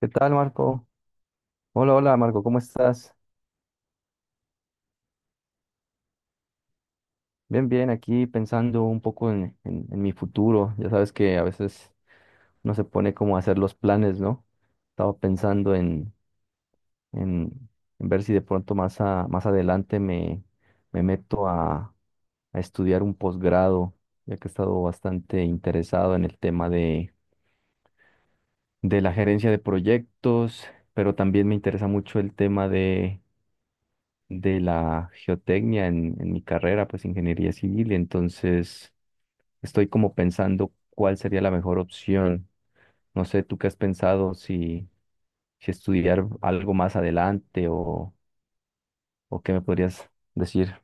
¿Qué tal, Marco? Hola, hola, Marco, ¿cómo estás? Bien, bien, aquí pensando un poco en mi futuro. Ya sabes que a veces no se pone como a hacer los planes, ¿no? Estaba pensando en, en ver si de pronto más adelante me meto a estudiar un posgrado, ya que he estado bastante interesado en el tema de la gerencia de proyectos, pero también me interesa mucho el tema de la geotecnia en mi carrera, pues ingeniería civil, y entonces estoy como pensando cuál sería la mejor opción. No sé, ¿tú qué has pensado si estudiar algo más adelante o qué me podrías decir?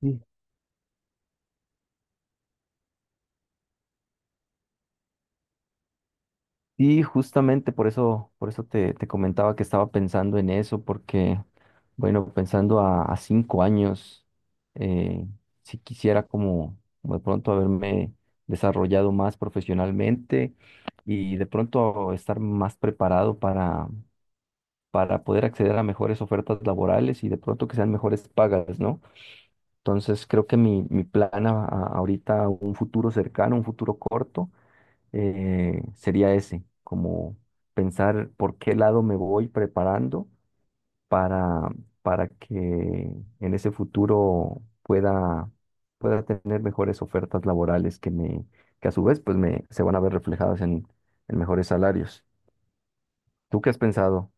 Sí. Y justamente por eso te comentaba que estaba pensando en eso, porque, bueno, pensando a 5 años, eh, si quisiera como, como de pronto haberme desarrollado más profesionalmente y de pronto estar más preparado para poder acceder a mejores ofertas laborales y de pronto que sean mejores pagas, ¿no? Entonces creo que mi plan ahorita, un futuro cercano, un futuro corto sería ese, como pensar por qué lado me voy preparando para, para que en ese futuro pueda tener mejores ofertas laborales que que a su vez pues me, se van a ver reflejadas en mejores salarios. ¿Tú qué has pensado?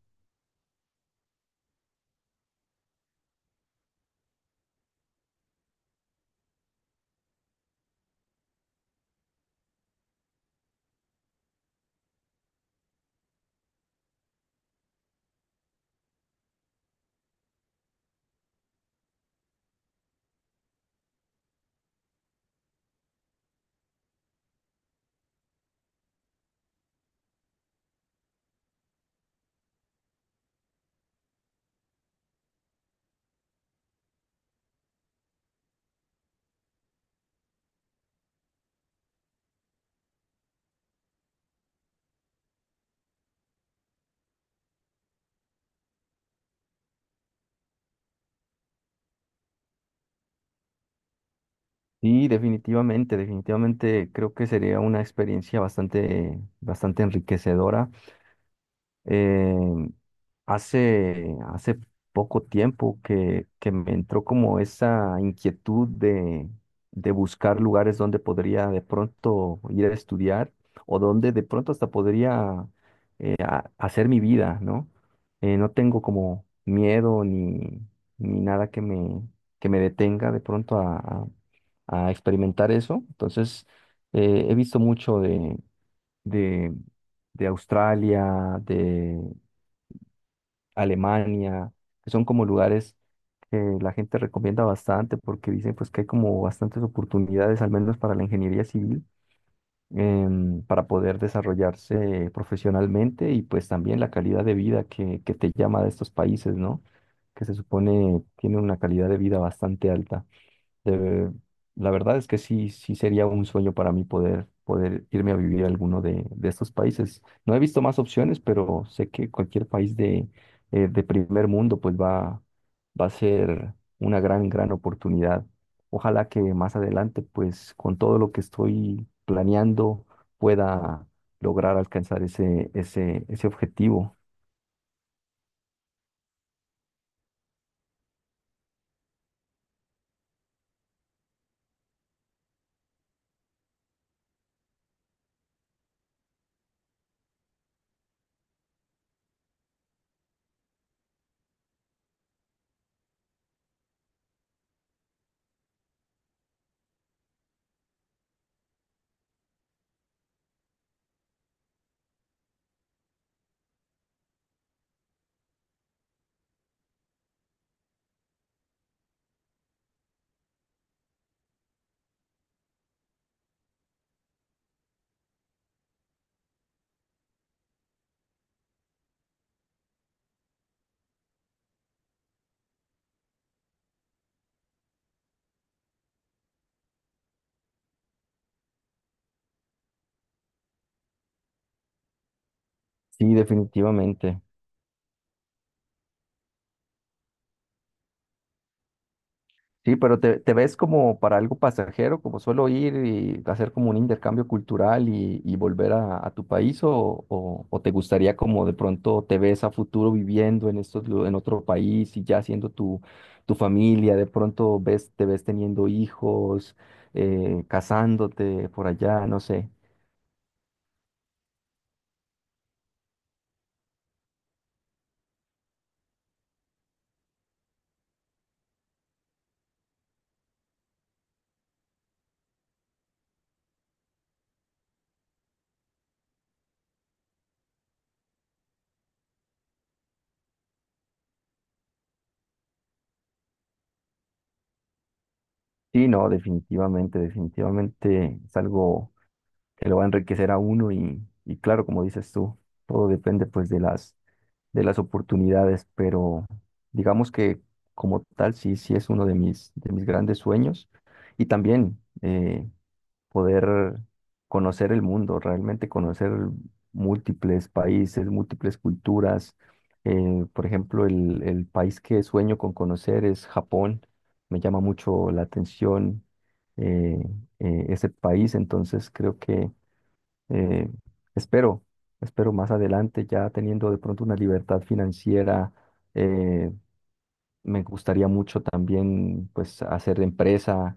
Sí, definitivamente, definitivamente creo que sería una experiencia bastante, bastante enriquecedora. Eh, Hace, hace poco tiempo que me entró como esa inquietud de buscar lugares donde podría de pronto ir a estudiar o donde de pronto hasta podría hacer mi vida, ¿no? No tengo como miedo ni nada que que me detenga de pronto a experimentar eso. Entonces, he visto mucho de, de Australia, Alemania, que son como lugares que la gente recomienda bastante porque dicen pues que hay como bastantes oportunidades, al menos para la ingeniería civil, para poder desarrollarse profesionalmente y pues también la calidad de vida que te llama de estos países, ¿no? Que se supone tiene una calidad de vida bastante alta de- la verdad es que sí, sí sería un sueño para mí poder, poder irme a vivir a alguno de estos países. No he visto más opciones, pero sé que cualquier país de primer mundo pues va a ser una gran, gran oportunidad. Ojalá que más adelante pues con todo lo que estoy planeando pueda lograr alcanzar ese, ese, ese objetivo. Sí, definitivamente. Sí, pero te ves como para algo pasajero, como solo ir y hacer como un intercambio cultural y volver a tu país, o te gustaría como de pronto te ves a futuro viviendo en en otro país y ya siendo tu familia, de pronto ves, te ves teniendo hijos, casándote por allá, no sé. Sí, no, definitivamente, definitivamente es algo que lo va a enriquecer a uno y claro, como dices tú, todo depende pues de las oportunidades, pero digamos que como tal sí, sí es uno de mis grandes sueños y también poder conocer el mundo, realmente conocer múltiples países, múltiples culturas. Por ejemplo, el país que sueño con conocer es Japón, me llama mucho la atención eh, ese país, entonces creo que eh, espero, espero más adelante, ya teniendo de pronto una libertad financiera, eh, me gustaría mucho también, pues, hacer empresa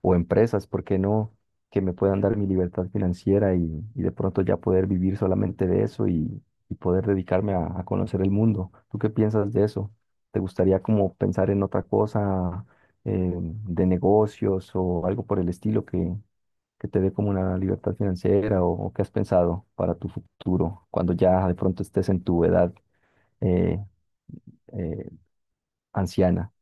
o empresas, ¿por qué no? Que me puedan dar mi libertad financiera y de pronto ya poder vivir solamente de eso y poder dedicarme a conocer el mundo. ¿Tú qué piensas de eso? ¿Te gustaría como pensar en otra cosa de negocios o algo por el estilo que te dé como una libertad financiera o qué has pensado para tu futuro cuando ya de pronto estés en tu edad? eh, eh, Anciana.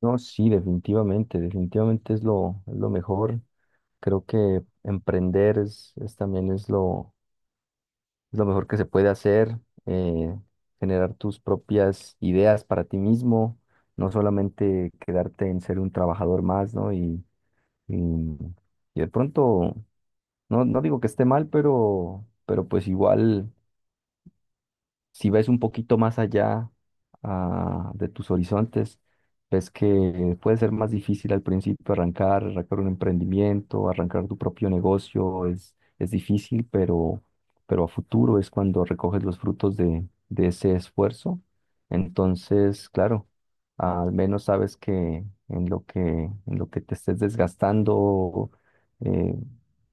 No, sí, definitivamente, definitivamente es lo mejor. Creo que emprender es también es lo mejor que se puede hacer, eh, generar tus propias ideas para ti mismo, no solamente quedarte en ser un trabajador más, ¿no? Y, y de pronto, no, no digo que esté mal, pero pues igual si ves un poquito más allá de tus horizontes, ves que puede ser más difícil al principio arrancar, arrancar un emprendimiento, arrancar tu propio negocio, es difícil, pero a futuro es cuando recoges los frutos de ese esfuerzo. Entonces, claro, al menos sabes que en lo que, en lo que te estés desgastando eh,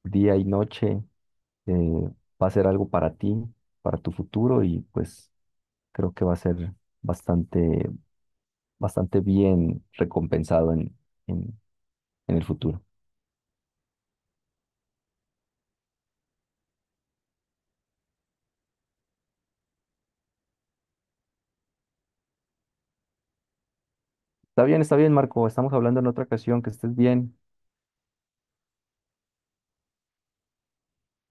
día y noche, eh, va a ser algo para ti para tu futuro y pues creo que va a ser bastante, bastante bien recompensado en, en el futuro. Está bien, Marco. Estamos hablando en otra ocasión. Que estés bien.